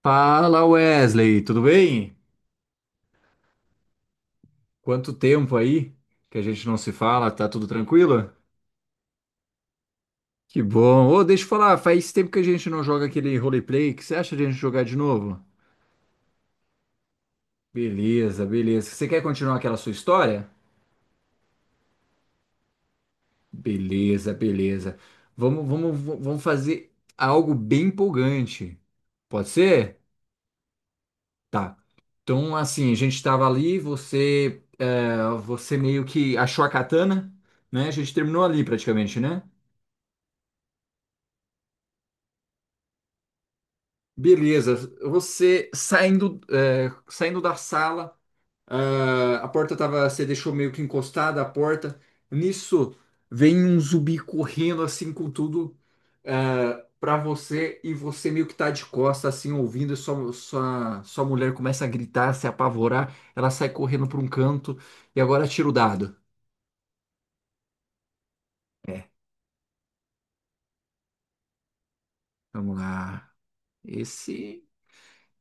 Fala Wesley, tudo bem? Quanto tempo aí que a gente não se fala, tá tudo tranquilo? Que bom. Ô, deixa eu falar, faz tempo que a gente não joga aquele roleplay, o que você acha de a gente jogar de novo? Beleza, beleza. Você quer continuar aquela sua história? Beleza, beleza. Vamos fazer algo bem empolgante. Pode ser? Tá. Então, assim, a gente estava ali, você meio que achou a katana, né? A gente terminou ali praticamente, né? Beleza, você saindo da sala, a porta tava, você deixou meio que encostada a porta. Nisso vem um zumbi correndo assim com tudo, pra você, e você meio que tá de costa assim ouvindo. E sua mulher começa a gritar, se apavorar. Ela sai correndo pra um canto e agora tira o dado. É, vamos lá. Esse,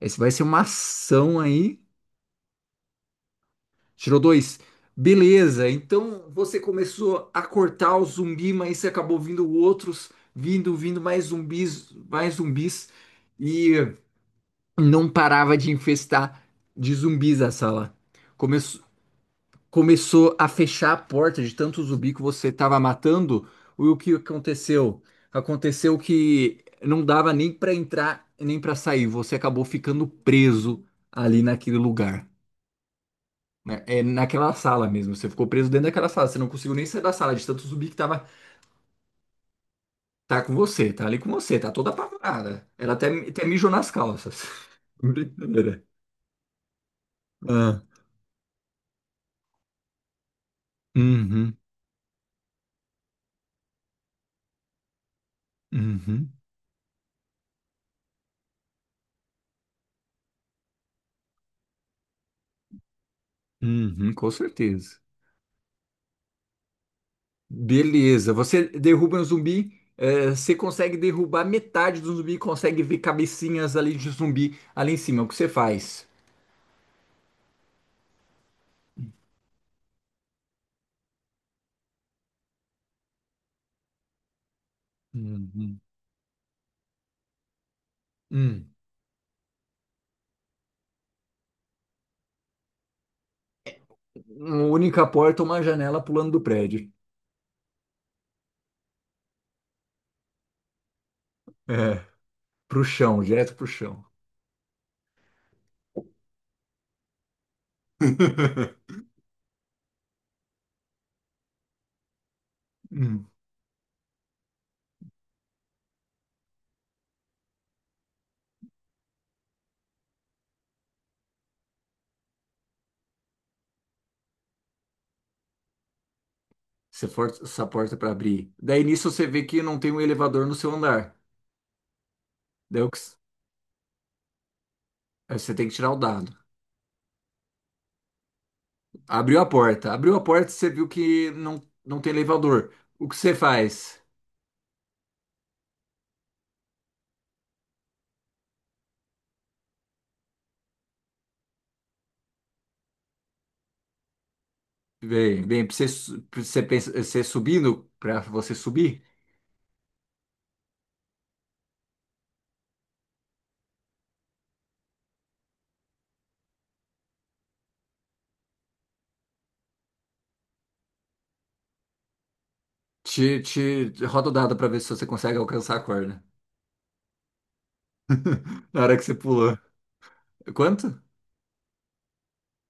esse vai ser uma ação aí. Tirou dois. Beleza, então você começou a cortar o zumbi, mas você acabou vindo outros, vindo mais zumbis, e não parava de infestar de zumbis a sala. Começou, começou a fechar a porta de tanto zumbi que você estava matando. E o que aconteceu? Aconteceu que não dava nem para entrar, nem para sair. Você acabou ficando preso ali naquele lugar, né? É naquela sala mesmo. Você ficou preso dentro daquela sala. Você não conseguiu nem sair da sala de tanto zumbi que tava. Tá com você, tá ali com você, tá toda apavorada. Ela até mijou nas calças. Brincadeira. Ah, uhum, uhum, uhum, com certeza. Beleza. Você derruba um zumbi. Você consegue derrubar metade do zumbi, consegue ver cabecinhas ali de zumbi ali em cima. O que você faz? Uhum. Hum. Uma única porta, uma janela pulando do prédio. É, pro chão, direto pro chão. Hum. Você força essa porta para abrir. Daí nisso você vê que não tem um elevador no seu andar. Daí aí você tem que tirar o dado. Abriu a porta. Abriu a porta, e você viu que não tem elevador. O que você faz? Pra você, pra você, você subindo, para você subir, te roda o dado para ver se você consegue alcançar a corda. Na hora que você pulou. Quanto?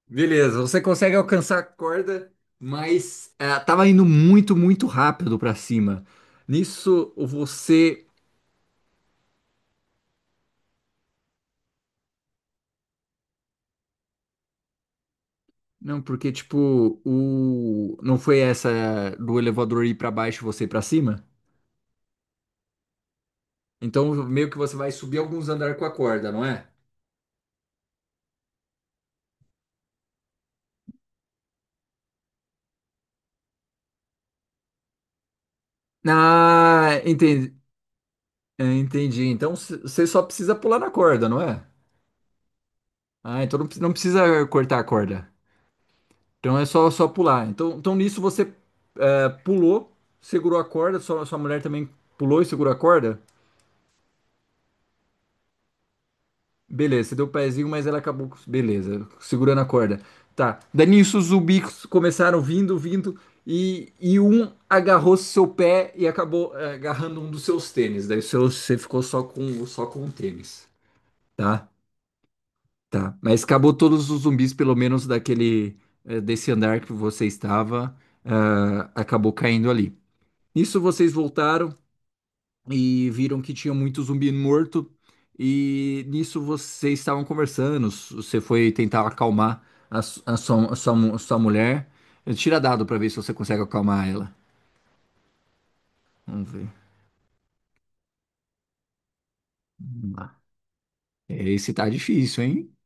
Beleza, você consegue alcançar a corda, mas tava indo muito, muito rápido para cima. Nisso, você Não, porque, tipo, não foi essa do elevador ir pra baixo e você ir pra cima? Então, meio que você vai subir alguns andares com a corda, não é? Ah, entendi. É, entendi. Então, você só precisa pular na corda, não é? Ah, então não precisa cortar a corda. Então, é só pular. Nisso você pulou, segurou a corda, sua mulher também pulou e segurou a corda? Beleza, você deu o pezinho, mas ela acabou. Beleza, segurando a corda. Tá. Daí nisso os zumbis começaram e um agarrou seu pé e acabou agarrando um dos seus tênis. Daí você ficou só com o tênis. Tá? Tá. Mas acabou todos os zumbis, pelo menos desse andar que você estava, acabou caindo ali. Nisso vocês voltaram e viram que tinha muito zumbi morto. E nisso vocês estavam conversando. Você foi tentar acalmar a, su- a sua mu- a sua mulher. Tira dado pra ver se você consegue acalmar ela. Vamos ver. Vamos lá. Esse tá difícil, hein?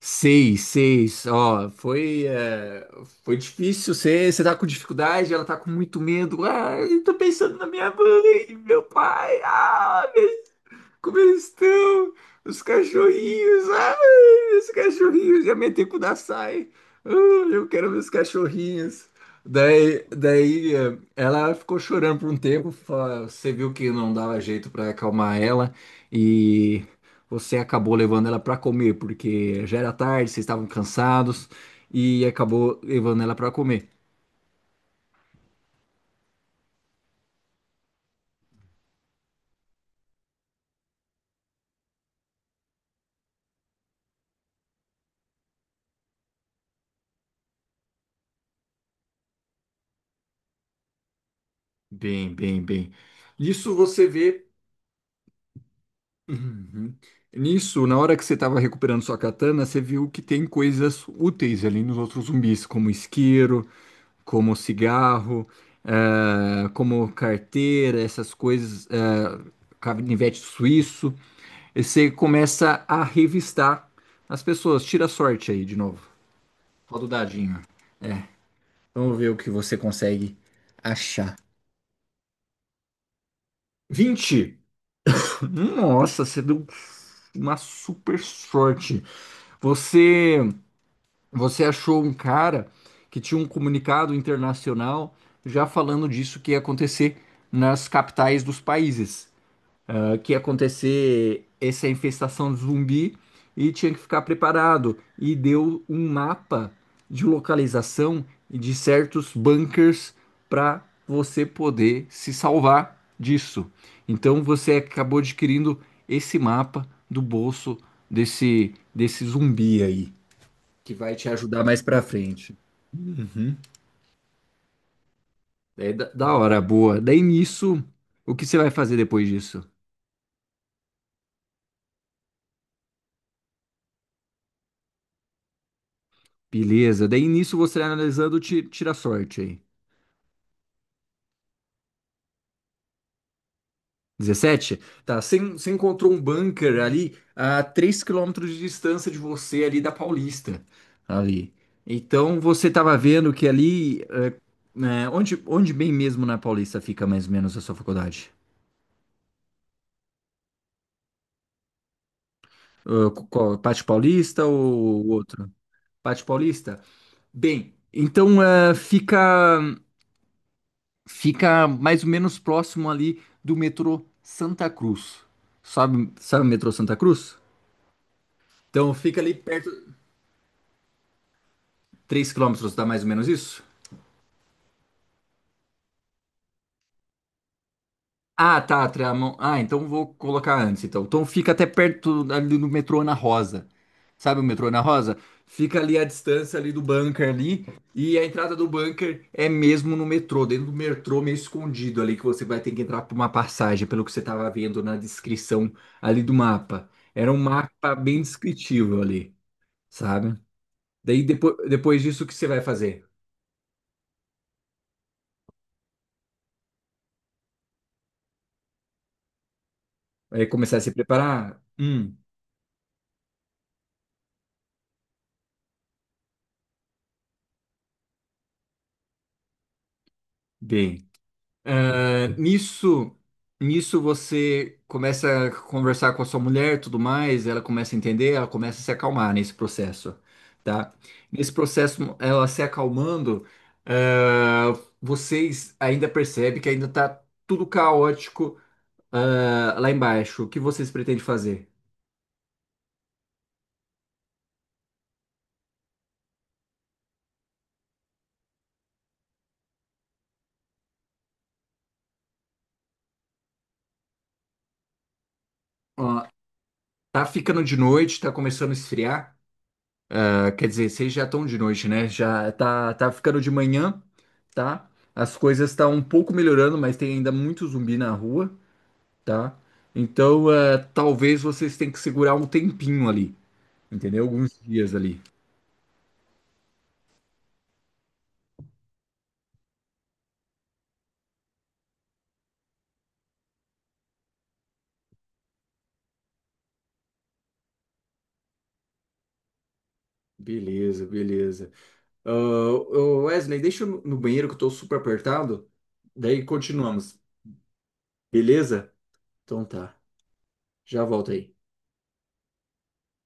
Seis, seis. Ó, foi difícil. Você tá com dificuldade, ela tá com muito medo. Ai, eu tô pensando na minha mãe, meu pai. Ah, como eles estão? Os cachorrinhos. Ai, meus cachorrinhos. Já meti com o da Sai. Ah, eu quero ver os cachorrinhos. Daí ela ficou chorando por um tempo. Você viu que não dava jeito para acalmar ela. E você acabou levando ela para comer, porque já era tarde, vocês estavam cansados. E acabou levando ela para comer. Bem. Isso você vê. Uhum. Nisso, na hora que você estava recuperando sua katana, você viu que tem coisas úteis ali nos outros zumbis, como isqueiro, como cigarro, como carteira, essas coisas, canivete suíço. E você começa a revistar as pessoas. Tira a sorte aí de novo. Roda o dadinho. É, vamos ver o que você consegue achar. 20. Nossa, você deu uma super sorte. Você. Você achou um cara que tinha um comunicado internacional já falando disso que ia acontecer nas capitais dos países, que ia acontecer essa infestação de zumbi e tinha que ficar preparado. E deu um mapa de localização e de certos bunkers para você poder se salvar disso. Então você acabou adquirindo esse mapa do bolso desse zumbi aí que vai te ajudar mais pra frente. Uhum. Daí, da hora, boa. Daí nisso, o que você vai fazer depois disso? Beleza, daí nisso você vai analisando, tira a sorte aí. 17. Tá, você encontrou um bunker ali a 3 quilômetros de distância de você, ali da Paulista. Ali. Então você tava vendo que ali, né, onde bem mesmo na Paulista fica mais ou menos a sua faculdade? Qual, Pátio Paulista ou outro? Pátio Paulista? Bem, então fica mais ou menos próximo ali do metrô Santa Cruz. Sabe o metrô Santa Cruz? Então fica ali perto, 3 quilômetros, dá mais ou menos isso? Ah, tá, Trianon. Ah, então vou colocar antes, então. Então fica até perto ali do metrô Ana Rosa. Sabe o metrô Ana Rosa? Fica ali a distância ali do bunker ali, e a entrada do bunker é mesmo no metrô, dentro do metrô meio escondido ali, que você vai ter que entrar por uma passagem, pelo que você estava vendo na descrição ali do mapa. Era um mapa bem descritivo ali, sabe? Daí depois disso, o que você vai fazer? Vai começar a se preparar? Bem. Ah, nisso você começa a conversar com a sua mulher, tudo mais, ela começa a entender, ela começa a se acalmar nesse processo, tá? Nesse processo, ela se acalmando, ah, vocês ainda percebem que ainda tá tudo caótico, lá embaixo. O que vocês pretendem fazer? Ah, tá ficando de noite, tá começando a esfriar. Ah, quer dizer, vocês já estão de noite, né? Já tá ficando de manhã, tá? As coisas estão um pouco melhorando, mas tem ainda muito zumbi na rua, tá? Então, talvez vocês tenham que segurar um tempinho ali, entendeu? Alguns dias ali. Beleza, beleza. Ah, ô, Wesley, deixa eu no banheiro que eu tô super apertado. Daí continuamos. Beleza? Então tá. Já volto aí.